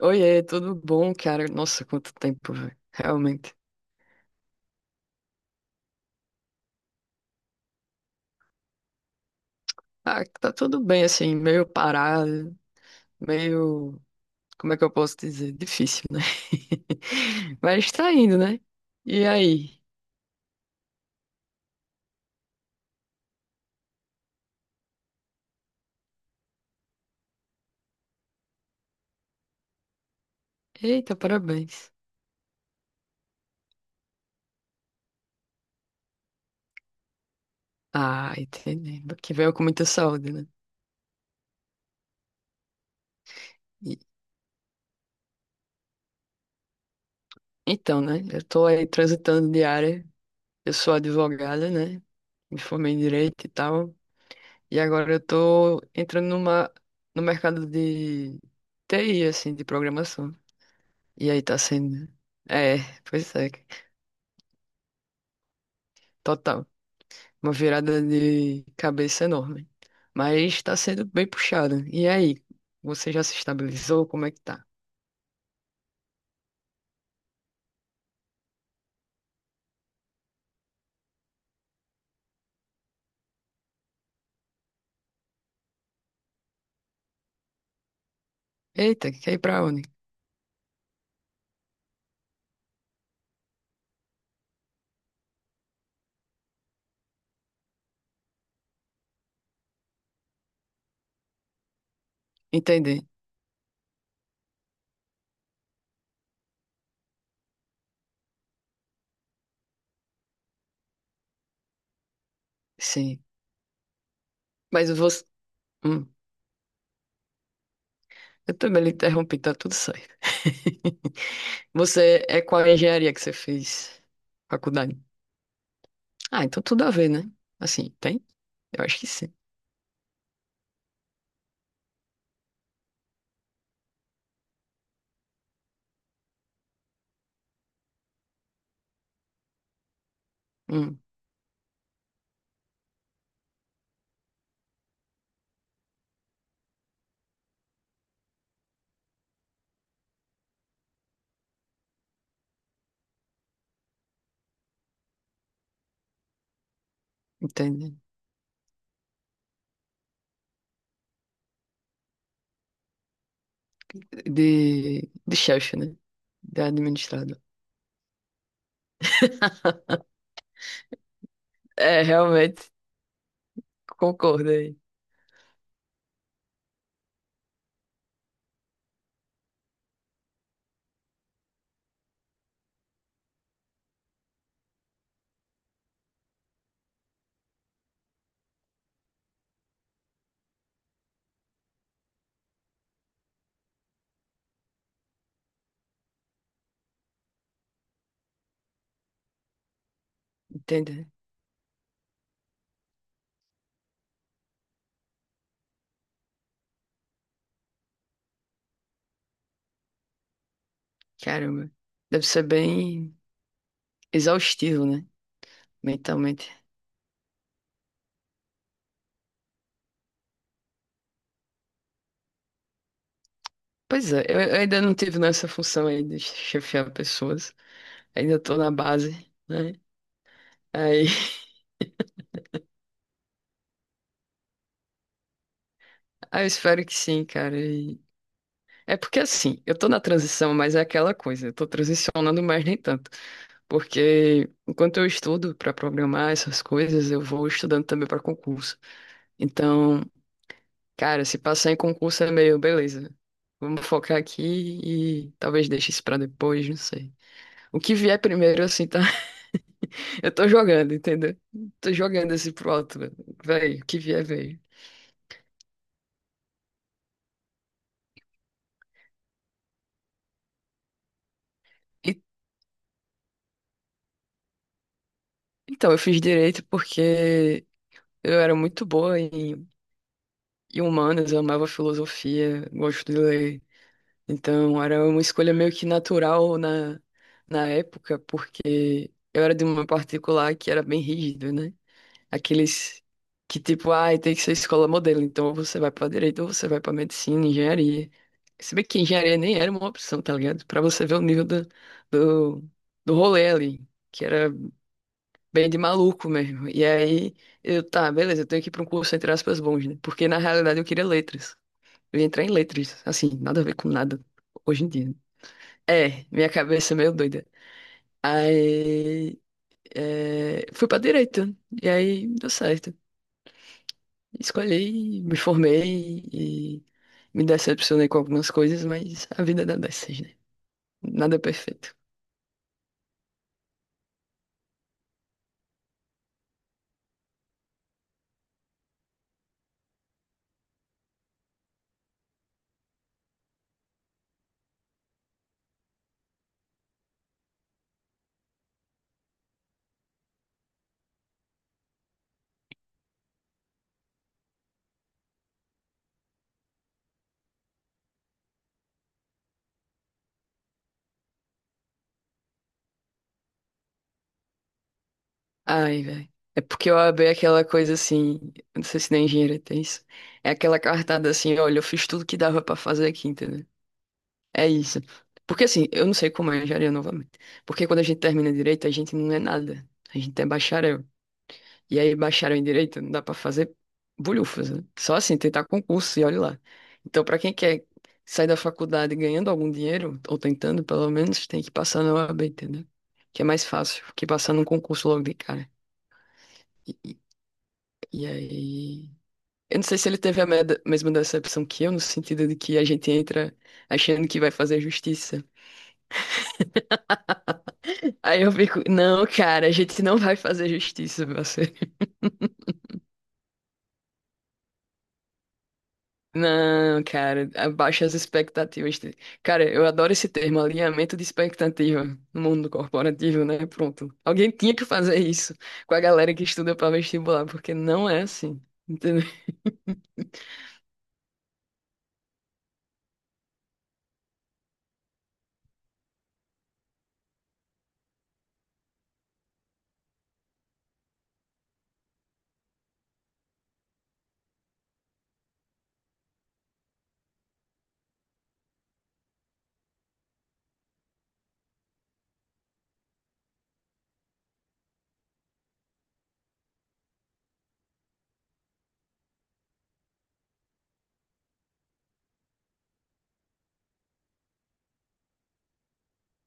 Oiê, tudo bom, cara? Nossa, quanto tempo, velho. Realmente. Ah, tá tudo bem, assim, meio parado, meio. Como é que eu posso dizer? Difícil, né? Mas tá indo, né? E aí? Eita, parabéns. Ah, entendi. Que venha com muita saúde, né? E- então, né? Eu tô aí transitando de área. Eu sou advogada, né? Me formei em direito e tal. E agora eu tô entrando no mercado de TI, assim, de programação. E aí tá sendo. É, pois é. Total. Uma virada de cabeça enorme. Mas tá sendo bem puxado. E aí? Você já se estabilizou? Como é que tá? Eita, quer ir pra onde? Entendi. Sim. Mas você. Hum, eu também lhe interrompi, tá tudo certo. Você é qual a engenharia que você fez? Faculdade? Ah, então tudo a ver, né? Assim, tem? Eu acho que sim. Hum, entendi. De chefe, né? De administrador. É, realmente, concordo aí. Entendo. Caramba. Deve ser bem exaustivo, né? Mentalmente. Pois é, eu ainda não tive nessa função aí de chefiar pessoas. Ainda tô na base, né? Aí, aí eu espero que sim, cara. E é porque assim, eu tô na transição, mas é aquela coisa, eu tô transicionando, mas nem tanto. Porque enquanto eu estudo pra programar essas coisas, eu vou estudando também pra concurso. Então. Cara, se passar em concurso é meio, beleza. Vamos focar aqui e talvez deixe isso pra depois, não sei. O que vier primeiro, assim, tá? Eu tô jogando, entendeu? Tô jogando esse pro alto, velho. O que vier, veio. E- Então, eu fiz direito porque eu era muito boa em, em humanas, eu amava filosofia, gosto de ler. Então, era uma escolha meio que natural na época, porque eu era de uma particular que era bem rígida, né? Aqueles que, tipo, ai, tem que ser escola modelo, então ou você vai pra direito ou você vai pra medicina, engenharia. Se bem que engenharia nem era uma opção, tá ligado? Pra você ver o nível do, do rolê ali, que era bem de maluco mesmo. E aí, eu, tá, beleza, eu tenho que ir pra um curso, entre aspas, bons, né? Porque na realidade eu queria letras. Eu ia entrar em letras, assim, nada a ver com nada hoje em dia. É, minha cabeça é meio doida. Aí, é, fui pra direita, e aí deu certo. Escolhi, me formei e me decepcionei com algumas coisas, mas a vida dá dessas, né? Nada é perfeito. Ai, velho. É porque eu abri aquela coisa assim, eu não sei se na engenharia tem isso. É aquela cartada assim, olha, eu fiz tudo que dava pra fazer aqui, entendeu? É isso. Porque assim, eu não sei como é a engenharia novamente. Porque quando a gente termina direito, a gente não é nada. A gente é bacharel. E aí, bacharel em direito, não dá pra fazer bulhufas, né? Só assim, tentar concurso e olha lá. Então, pra quem quer sair da faculdade ganhando algum dinheiro, ou tentando pelo menos, tem que passar na OAB, entendeu? Que é mais fácil que passar num concurso logo de cara. E, e- e aí. Eu não sei se ele teve a mesma decepção que eu, no sentido de que a gente entra achando que vai fazer justiça. Aí eu fico, não, cara, a gente não vai fazer justiça, você. Não, cara, abaixa as expectativas. Cara, eu adoro esse termo, alinhamento de expectativa no mundo corporativo, né? Pronto. Alguém tinha que fazer isso com a galera que estuda pra vestibular, porque não é assim, entendeu?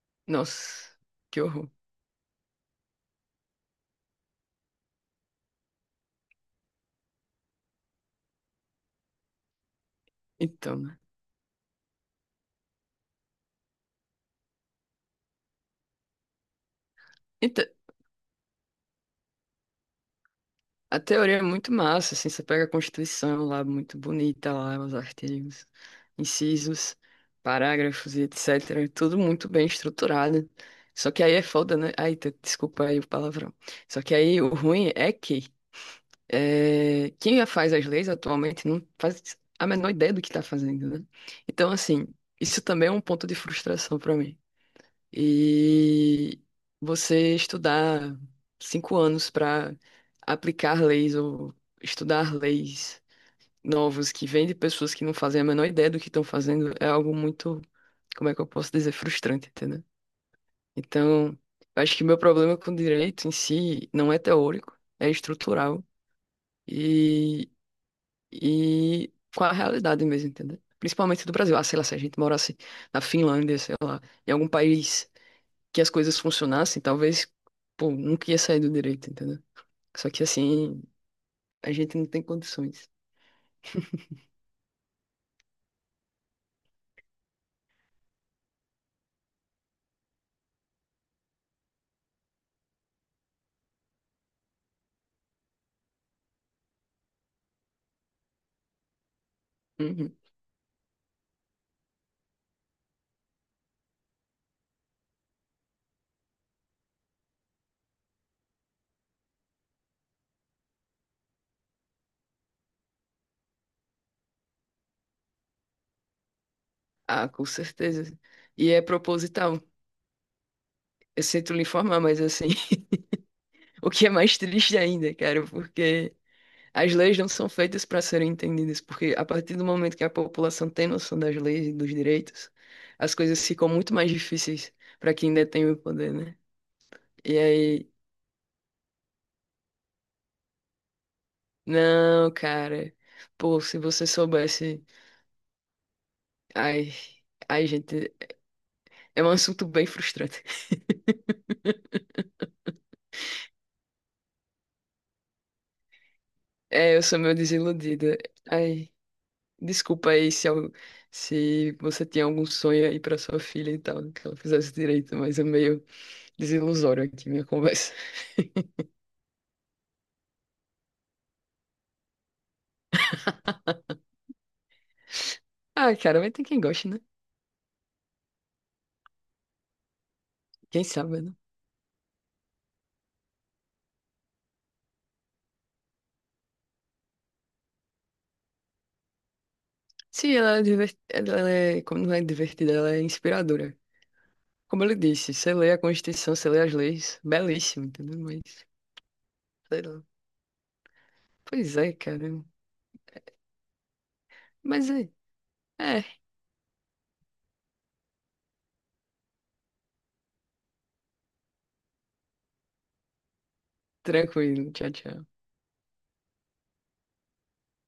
Nossa, que horror. Então, né? A teoria é muito massa, assim, você pega a Constituição lá, muito bonita lá, os artigos, incisos, parágrafos e etc. Tudo muito bem estruturado. Só que aí é foda, né? Ai, desculpa aí o palavrão. Só que aí o ruim é que é, quem já faz as leis atualmente não faz a menor ideia do que tá fazendo, né? Então, assim, isso também é um ponto de frustração pra mim e você estudar 5 anos para aplicar leis ou estudar leis novos que vêm de pessoas que não fazem a menor ideia do que estão fazendo é algo muito, como é que eu posso dizer, frustrante, entendeu? Então, eu acho que meu problema com o direito em si não é teórico, é estrutural e, e com a realidade mesmo, entendeu? Principalmente do Brasil. Ah, sei lá, se a gente morasse na Finlândia, sei lá, em algum país que as coisas funcionassem, talvez, pô, nunca ia sair do direito, entendeu? Só que assim, a gente não tem condições. Uhum. Ah, com certeza. E é proposital. Eu sinto lhe informar, mas assim, o que é mais triste ainda, cara, porque as leis não são feitas para serem entendidas, porque a partir do momento que a população tem noção das leis e dos direitos, as coisas ficam muito mais difíceis para quem detém o poder, né? E aí, não, cara, pô, se você soubesse, ai, ai, gente, é um assunto bem frustrante. É, eu sou meio desiludida. Ai, desculpa aí se você tinha algum sonho aí pra sua filha e tal, que ela fizesse direito, mas é meio desilusório aqui minha conversa. Ah, cara, vai ter quem goste, né? Quem sabe, né? Sim, ela é, diver... ela é, como não é divertida, ela é inspiradora. Como eu lhe disse, você lê a Constituição, você lê as leis, belíssimo, entendeu? Mas, sei lá. Pois é, cara. Mas é, é, tranquilo, tchau, tchau.